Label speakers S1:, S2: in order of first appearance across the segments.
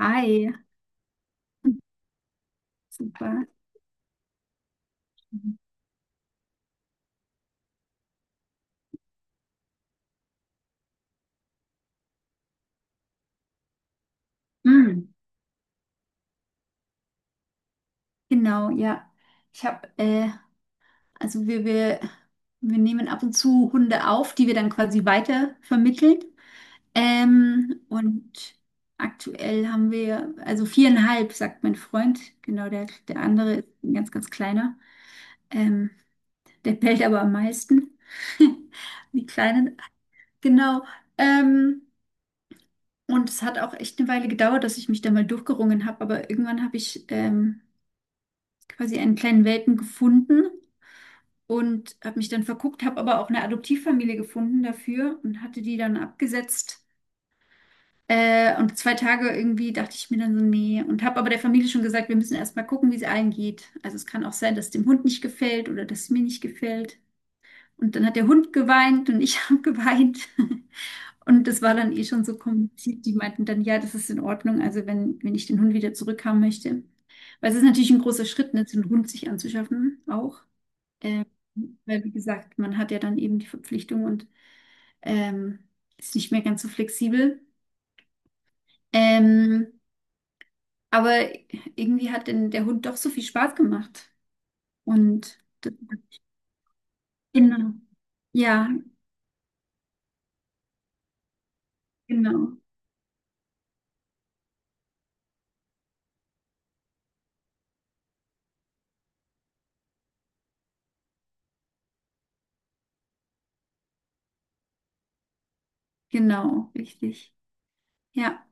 S1: Hi. Super. Mm, genau, ja. Ich habe, also wir nehmen ab und zu Hunde auf, die wir dann quasi weiter vermitteln. Und aktuell haben wir, also viereinhalb, sagt mein Freund. Genau, der andere ist ein ganz, ganz kleiner. Ähm, Der bellt aber am meisten. Die Kleinen, genau. Ähm, und es hat auch echt eine Weile gedauert, dass ich mich da mal durchgerungen habe, aber irgendwann habe ich quasi einen kleinen Welpen gefunden und habe mich dann verguckt, habe aber auch eine Adoptivfamilie gefunden dafür und hatte die dann abgesetzt. Und 2 Tage irgendwie dachte ich mir dann so, nee, und habe aber der Familie schon gesagt, wir müssen erstmal gucken, wie es allen geht. Also es kann auch sein, dass es dem Hund nicht gefällt oder dass es mir nicht gefällt. Und dann hat der Hund geweint und ich habe geweint. Und das war dann eh schon so kompliziert. Die meinten dann, ja, das ist in Ordnung, also wenn, wenn ich den Hund wieder zurückhaben möchte. Weil es ist natürlich ein großer Schritt, ne, so einen Hund sich anzuschaffen auch. Ähm, Weil, wie gesagt, man hat ja dann eben die Verpflichtung und ähm, ist nicht mehr ganz so flexibel. Ähm, aber irgendwie hat denn der Hund doch so viel Spaß gemacht. Und d- genau. Ja, genau, genau, richtig. Ja.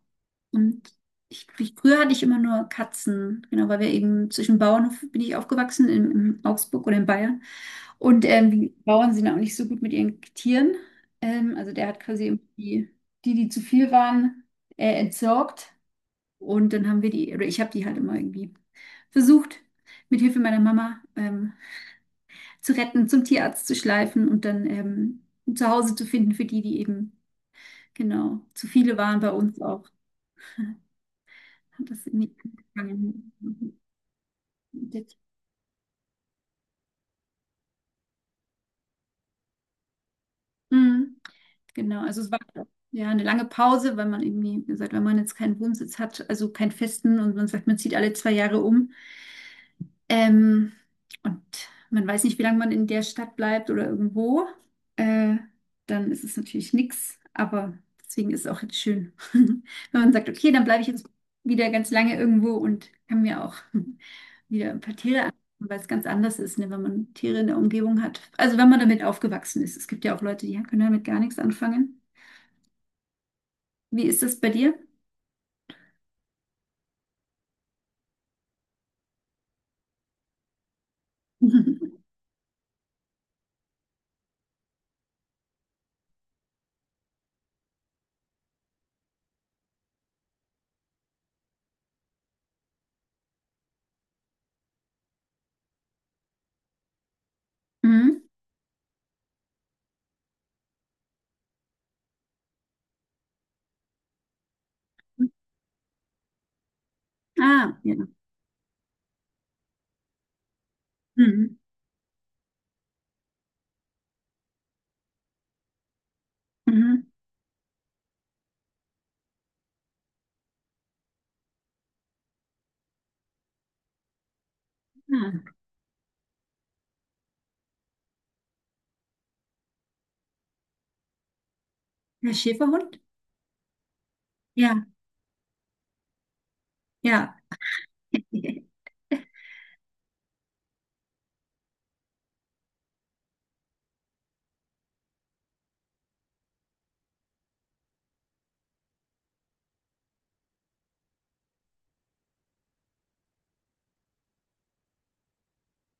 S1: Und früher hatte ich immer nur Katzen, genau, weil wir eben zwischen Bauernhof bin ich aufgewachsen, in, Augsburg oder in Bayern. Und die Bauern sind auch nicht so gut mit ihren Tieren. Also der hat quasi irgendwie die, die zu viel waren, entsorgt. Und dann haben wir die, oder ich habe die halt immer irgendwie versucht, mit Hilfe meiner Mama zu retten, zum Tierarzt zu schleifen und dann zu Hause zu finden für die, die eben, genau, zu viele waren bei uns auch. Hat das in angefangen. Jetzt- Mhm. Genau, also es war ja eine lange Pause, weil man irgendwie, wie gesagt, wenn man jetzt keinen Wohnsitz hat, also keinen festen und man sagt, man zieht alle 2 Jahre um. Ähm, und man weiß nicht, wie lange man in der Stadt bleibt oder irgendwo. Äh, Dann ist es natürlich nichts, aber deswegen ist es auch jetzt schön, wenn man sagt, okay, dann bleibe ich jetzt wieder ganz lange irgendwo und kann mir auch wieder ein paar Tiere anschauen, weil es ganz anders ist, ne, wenn man Tiere in der Umgebung hat. Also wenn man damit aufgewachsen ist. Es gibt ja auch Leute, die können damit gar nichts anfangen. Wie ist das bei dir? Mhm. Ah, ja. Mhm. Mhm. Ah, der Schäferhund? Ja, ja.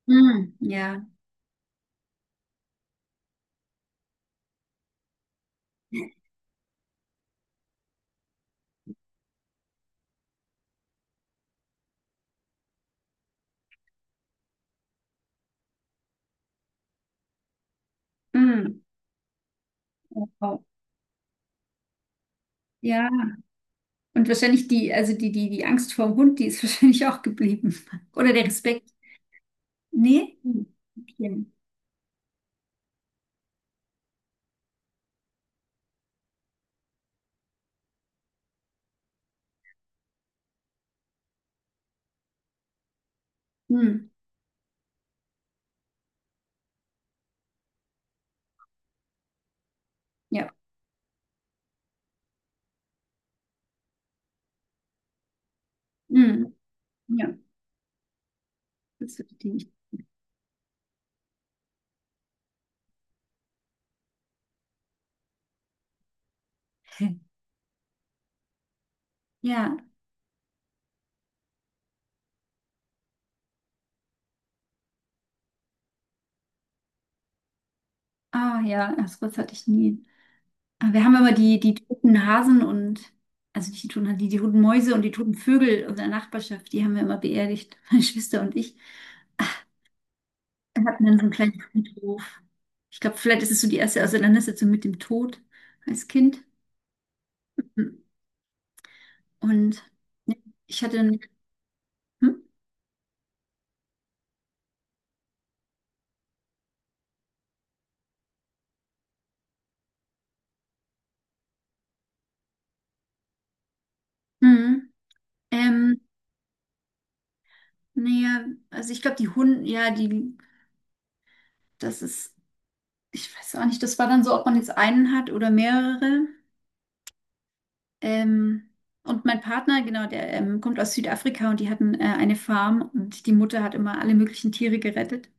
S1: Mm, ja. Mm. Wow. Ja. Und wahrscheinlich die, also die Angst vor dem Hund, die ist wahrscheinlich auch geblieben. Oder der Respekt. Nee? Hm. Okay. Mm. Ja. Mm. Ja, das verstehe ich. Ja. Ah, ja, das Wort hatte ich nie. Aber wir haben immer die toten Hasen und, also nicht die toten Hasen, die toten Mäuse und die toten Vögel unserer Nachbarschaft, die haben wir immer beerdigt, meine Schwester und ich. Wir hatten dann so einen kleinen Friedhof. Ich glaube, vielleicht ist es so die erste Auseinandersetzung mit dem Tod als Kind. Hm. Und ja, ich hatte dann, hm? Mhm. Ähm, naja, also ich glaube, die Hunde, ja, die, das ist, ich weiß auch nicht, das war dann so, ob man jetzt einen hat oder mehrere. Ähm, und mein Partner, genau, der kommt aus Südafrika und die hatten eine Farm und die Mutter hat immer alle möglichen Tiere gerettet.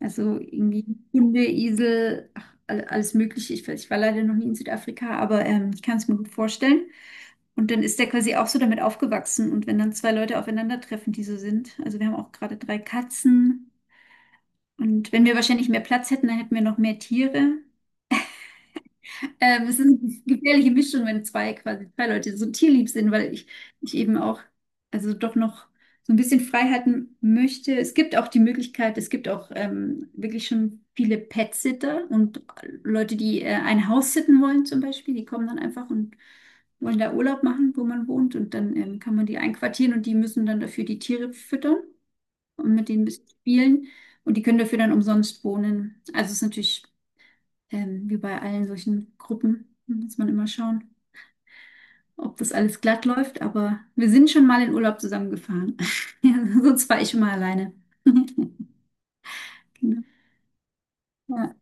S1: Also irgendwie Hunde, Esel, ach, alles Mögliche. Ich war leider noch nie in Südafrika, aber ich kann es mir gut vorstellen. Und dann ist der quasi auch so damit aufgewachsen. Und wenn dann zwei Leute aufeinandertreffen, die so sind, also wir haben auch gerade drei Katzen. Und wenn wir wahrscheinlich mehr Platz hätten, dann hätten wir noch mehr Tiere. Es ist eine gefährliche Mischung, wenn zwei quasi zwei Leute so tierlieb sind, weil ich eben auch, also doch noch so ein bisschen Freiheiten möchte. Es gibt auch die Möglichkeit, es gibt auch wirklich schon viele Pet-Sitter und Leute, die ein Haus sitten wollen zum Beispiel, die kommen dann einfach und wollen da Urlaub machen, wo man wohnt und dann kann man die einquartieren und die müssen dann dafür die Tiere füttern und mit denen ein bisschen spielen und die können dafür dann umsonst wohnen. Also es ist natürlich, wie bei allen solchen Gruppen, muss man immer schauen, ob das alles glatt läuft. Aber wir sind schon mal in Urlaub zusammengefahren. Ja, sonst war ich immer alleine. Genau. Ja.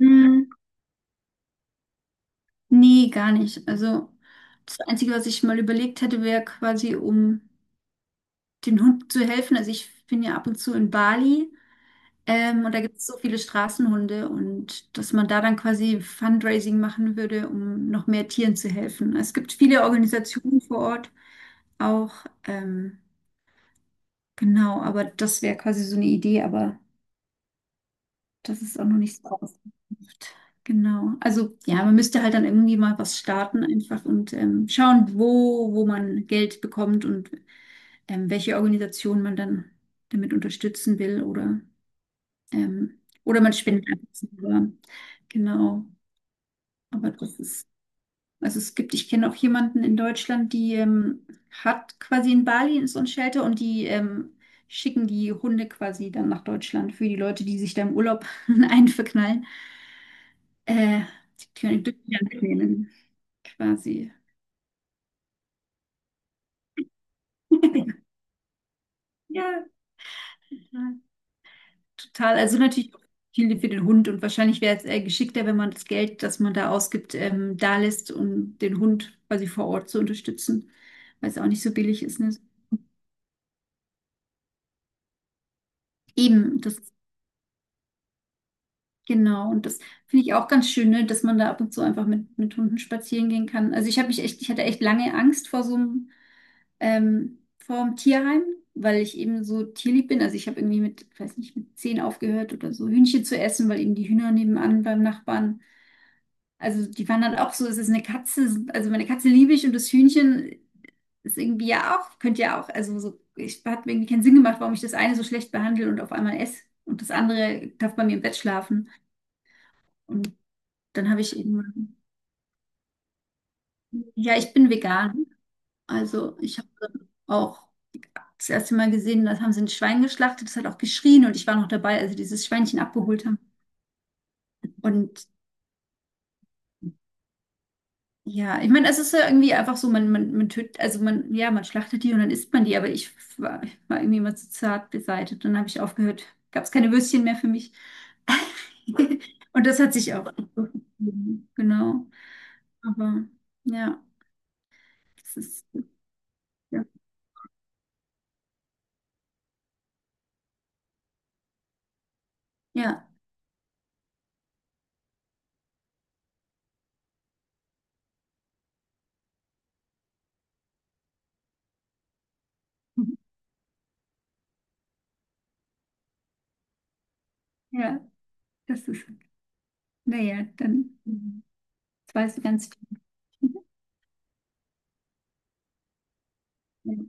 S1: Hm, nee, gar nicht. Also das Einzige, was ich mal überlegt hätte, wäre quasi, um den Hunden zu helfen. Also ich bin ja ab und zu in Bali. Und da gibt es so viele Straßenhunde und dass man da dann quasi Fundraising machen würde, um noch mehr Tieren zu helfen. Es gibt viele Organisationen vor Ort auch. Ähm, genau, aber das wäre quasi so eine Idee, aber das ist auch noch nicht so ausgereift. Genau. Also ja, man müsste halt dann irgendwie mal was starten einfach und schauen, wo, wo man Geld bekommt und welche Organisation man dann damit unterstützen will oder. Oder man spinnt einfach selber. Genau. Aber das ist, also es gibt, ich kenne auch jemanden in Deutschland, die hat quasi in Bali so ein Shelter und die schicken die Hunde quasi dann nach Deutschland für die Leute, die sich da im Urlaub einverknallen. Äh, Die dürfen die dann mitnehmen, quasi. Ja. Total, also natürlich auch viel für den Hund und wahrscheinlich wäre es geschickter, wenn man das Geld, das man da ausgibt, da lässt, um den Hund quasi vor Ort zu unterstützen, weil es auch nicht so billig ist. Ne? Eben, das genau, und das finde ich auch ganz schön, ne? Dass man da ab und zu einfach mit Hunden spazieren gehen kann. Also ich habe mich echt, ich hatte echt lange Angst vor so einem, vor dem Tierheim, weil ich eben so tierlieb bin. Also ich habe irgendwie mit, ich weiß nicht, mit 10 aufgehört oder so Hühnchen zu essen, weil eben die Hühner nebenan beim Nachbarn. Also die waren dann auch so, es ist eine Katze, also meine Katze liebe ich und das Hühnchen ist irgendwie ja auch, könnte ja auch, also so, ich hat mir irgendwie keinen Sinn gemacht, warum ich das eine so schlecht behandle und auf einmal esse und das andere darf bei mir im Bett schlafen. Und dann habe ich eben, ja, ich bin vegan. Also ich habe auch das erste Mal gesehen, das haben sie ein Schwein geschlachtet, das hat auch geschrien und ich war noch dabei, als sie dieses Schweinchen abgeholt haben. Und ja, ich meine, es ist ja irgendwie einfach so, man tötet, also man, ja, man schlachtet die und dann isst man die, aber ich war irgendwie immer zu zart beseitigt. Dann habe ich aufgehört, gab es keine Würstchen mehr für mich. Und das hat sich auch so gegeben, genau. Aber ja, das ist, ja, ja, ja, das ist, naja, dann, jetzt weißt du ganz viel. Ja.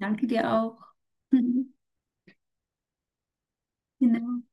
S1: Danke dir auch. Genau.